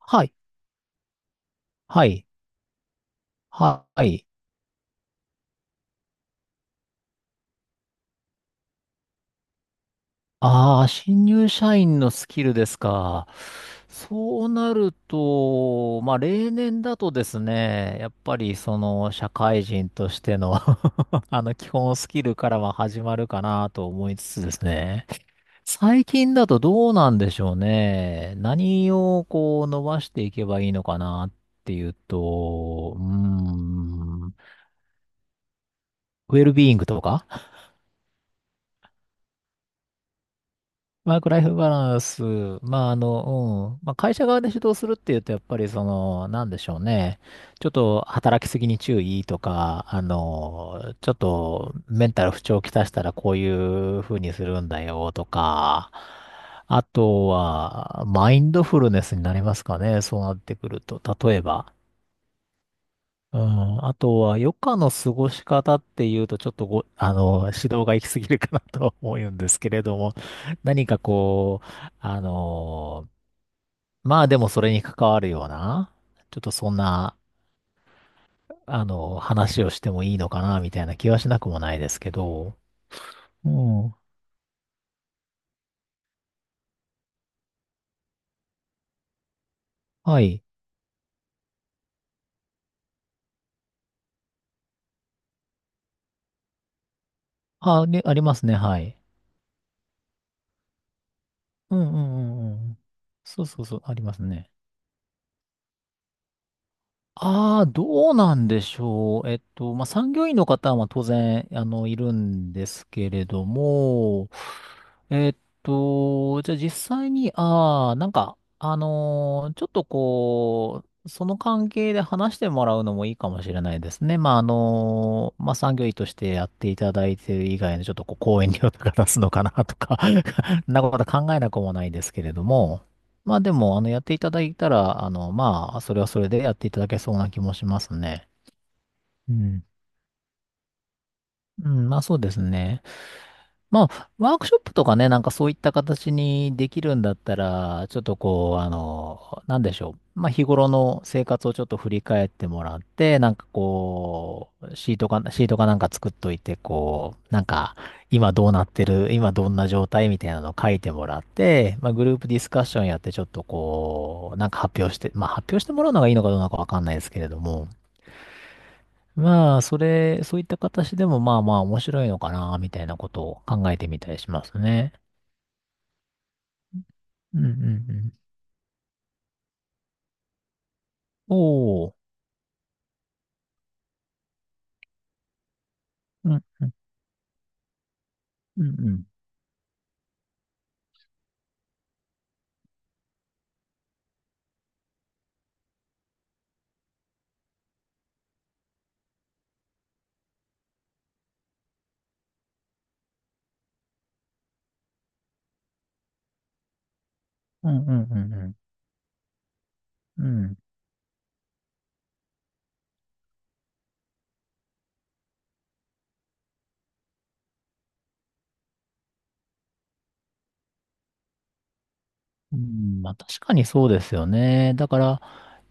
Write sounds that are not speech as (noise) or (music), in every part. はい。はい。はい。ああ、新入社員のスキルですか。そうなると、まあ、例年だとですね、やっぱりその社会人としての (laughs) 基本スキルからは始まるかなと思いつつですね。最近だとどうなんでしょうね。何をこう伸ばしていけばいいのかなっていうと、ウェルビーイングとかワークライフバランス、まあ、うん。まあ、会社側で指導するっていうと、やっぱりその、なんでしょうね。ちょっと働きすぎに注意とか、ちょっとメンタル不調をきたしたらこういう風にするんだよとか、あとは、マインドフルネスになりますかね。そうなってくると。例えば、うん、あとは、余暇の過ごし方っていうと、ちょっとご、あの、指導が行き過ぎるかなとは思うんですけれども、何かこう、あの、まあでもそれに関わるような、ちょっとそんな、話をしてもいいのかな、みたいな気はしなくもないですけど、うん。はい。あ、ね、ありますね、はい。うんうんうんうん。そうそうそう、ありますね。ああ、どうなんでしょう。まあ、産業医の方は当然、いるんですけれども、えっじゃあ実際に、ああ、なんか、ちょっとこう、その関係で話してもらうのもいいかもしれないですね。まあ、まあ、産業医としてやっていただいている以外のちょっとこう、講演料とか出すのかなとか (laughs) そんなこと考えなくもないですけれども、まあでも、やっていただいたら、まあ、それはそれでやっていただけそうな気もしますね。うん。うん、まあそうですね。まあ、ワークショップとかね、なんかそういった形にできるんだったら、ちょっとこう、なんでしょう。まあ、日頃の生活をちょっと振り返ってもらって、なんかこう、シートかなんか作っといて、こう、なんか、今どうなってる、今どんな状態みたいなのを書いてもらって、まあ、グループディスカッションやって、ちょっとこう、なんか発表して、まあ、発表してもらうのがいいのかどうなのかわかんないですけれども、まあ、そういった形でもまあまあ面白いのかな、みたいなことを考えてみたりしますね。うんうんうん。おー。うん、うん、うん。うんうんうんうん。うん。うんまあ確かにそうですよね。だから、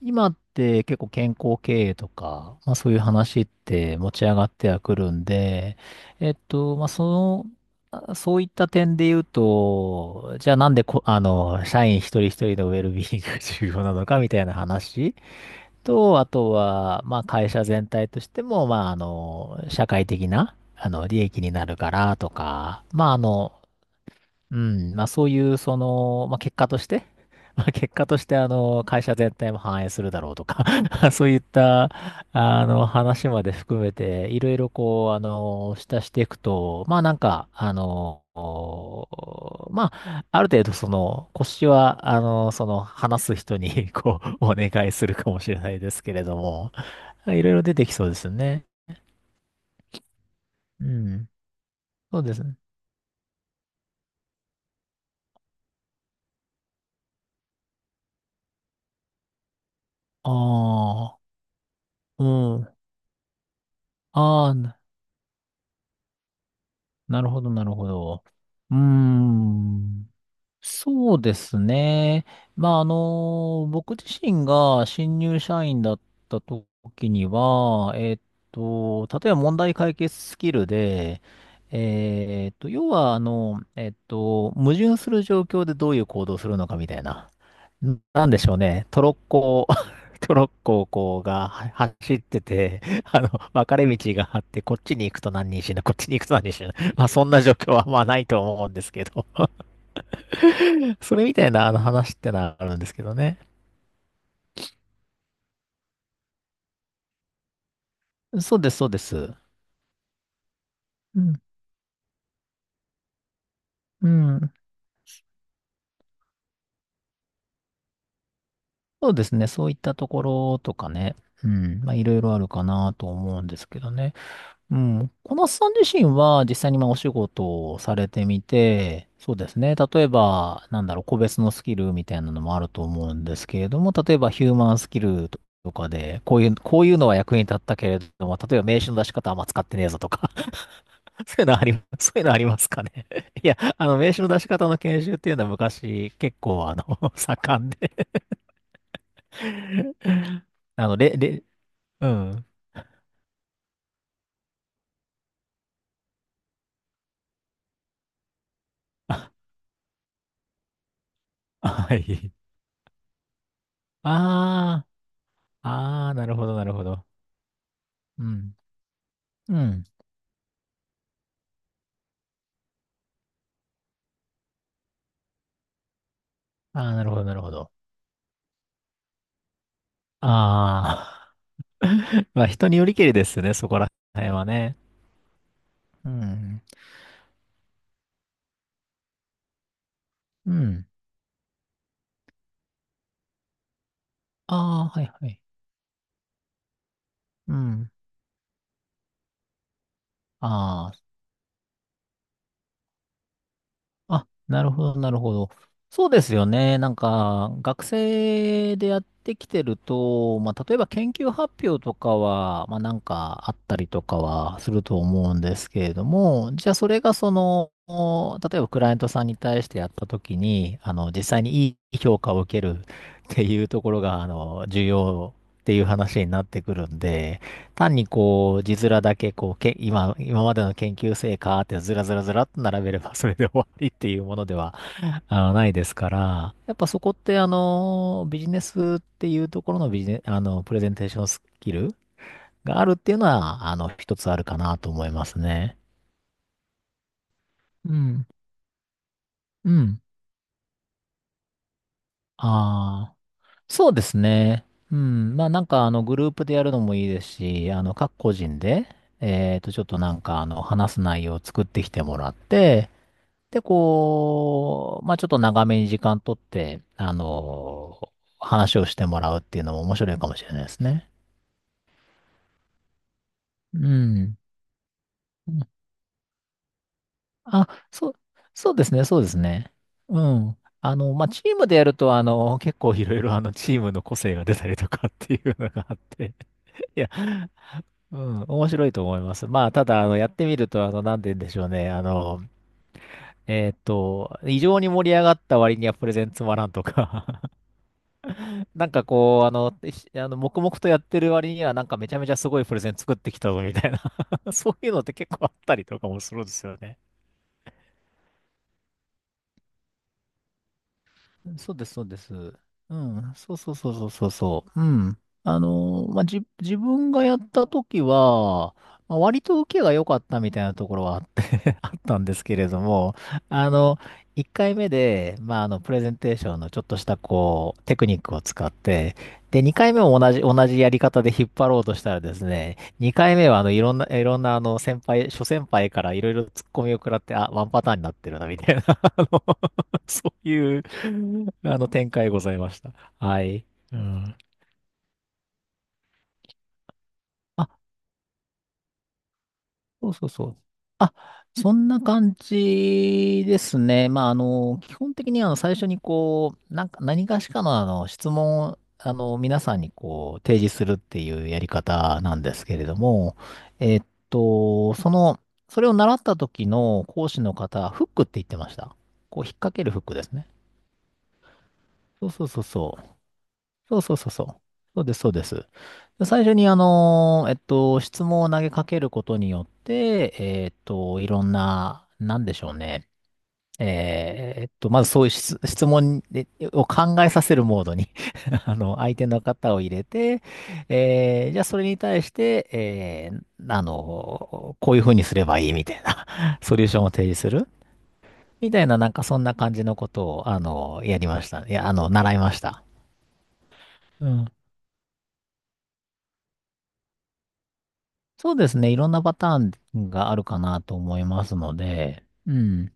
今って結構健康経営とか、まあそういう話って持ち上がってはくるんで、まあその、あそういった点で言うと、じゃあなんでこ、あの、社員一人一人のウェルビーイングが重要なのかみたいな話と、あとは、まあ、会社全体としても、まあ、社会的な、利益になるからとか、まあ、うん、まあそういう、その、まあ結果として、(laughs) まあ結果として、会社全体も反映するだろうとか (laughs) そういった、話まで含めて、いろいろこう、下していくと、まあなんか、まあ、ある程度その、腰は、話す人に (laughs) こう、お願いするかもしれないですけれども、いろいろ出てきそうですよね。うん、そうですね。ああ、うん。ああ、なるほど、なるほど。うーん。そうですね。まあ、僕自身が新入社員だった時には、例えば問題解決スキルで、要は、矛盾する状況でどういう行動をするのかみたいな。なんでしょうね。トロッコ (laughs) トロッコをこうがは走ってて、(laughs) 分かれ道があって、こっちに行くと何人死ぬ、こっちに行くと何人死ぬ。まあ、そんな状況はまあないと思うんですけど。(laughs) それみたいなあの話ってのはあるんですけどね。そうです、そうです。うん。うん。そうですね。そういったところとかね。うん。まあ、いろいろあるかなと思うんですけどね。うん。小夏さん自身は実際にまあお仕事をされてみて、そうですね。例えば、なんだろう、個別のスキルみたいなのもあると思うんですけれども、例えばヒューマンスキルとかで、こういうのは役に立ったけれども、例えば名刺の出し方はあんま使ってねえぞとか (laughs) そういうのあり、(laughs) そういうのありますかね。(laughs) いや、名刺の出し方の研修っていうのは昔結構あの、(laughs) 盛んで、(laughs) あの、れ、れ、うん。(laughs) はい。ああ、ああ、なるほど、なるほど。うん。うん。ああ、なるほど、なるほど。ああ、(laughs) まあ人によりけりですよね、そこら辺はね。うん。うん。ああ、はい、はい。うん。ああ、あ、なるほど、なるほど。そうですよね。なんか、学生でやってきてると、まあ、例えば研究発表とかは、まあ、なんかあったりとかはすると思うんですけれども、じゃあそれがその、例えばクライアントさんに対してやったときに、実際にいい評価を受けるっていうところが、重要っていう話になってくるんで、単にこう、字面だけこう、今までの研究成果ってずらずらずらっと並べれば (laughs) それで終わりっていうものでは、(laughs) ないですから、やっぱそこってあの、ビジネスっていうところのビジネ、あの、プレゼンテーションスキルがあるっていうのは、一つあるかなと思いますね。うん。うん。ああ、そうですね。うん。まあなんかあの、グループでやるのもいいですし、各個人で、えっと、ちょっとなんかあの、話す内容を作ってきてもらって、で、こう、まあちょっと長めに時間取って、話をしてもらうっていうのも面白いかもしれないですね。うん。あ、そうですね、そうですね。うん。まあチームでやると、結構いろいろあの、チームの個性が出たりとかっていうのがあって、(laughs) いや、うん、面白いと思います。まあ、ただ、やってみると、なんて言うんでしょうね。異常に盛り上がった割にはプレゼンつまらんとかなんかこう、あの、しあの黙々とやってる割には、なんかめちゃめちゃすごいプレゼン作ってきたぞみたいな (laughs) そういうのって結構あったりとかもするんですよね。そうです、そうです。うん、そうそうそうそうそうそう。うん。まあ、自分がやった時は、まあ、割と受けが良かったみたいなところはあって (laughs) あったんですけれども、あの、1回目で、まあ、プレゼンテーションのちょっとした、こう、テクニックを使って、で、2回目も同じやり方で引っ張ろうとしたらですね、2回目は、いろんな、先輩、諸先輩からいろいろ突っ込みを食らって、あ、ワンパターンになってるな、みたいな、(laughs) そういうあの展開ございました。はい。うん。あ、そうそうそう。あ、そんな感じですね。まあ、基本的にあの最初にこう、なんか何かしかのあの質問をあの皆さんにこう提示するっていうやり方なんですけれども、えっと、その、それを習った時の講師の方、フックって言ってました。こう引っ掛けるフックですね。そうそうそうそう。そうそうそうそう。そうです、そうです。で最初に、質問を投げかけることによって、いろんな、なんでしょうね。まずそういう質問でを考えさせるモードに (laughs) 相手の方を入れて、じゃあそれに対して、こういうふうにすればいいみたいな (laughs)、ソリューションを提示するみたいな、なんかそんな感じのことを、やりました。いや、習いました。うん。そうですね。いろんなパターンがあるかなと思いますので、うん。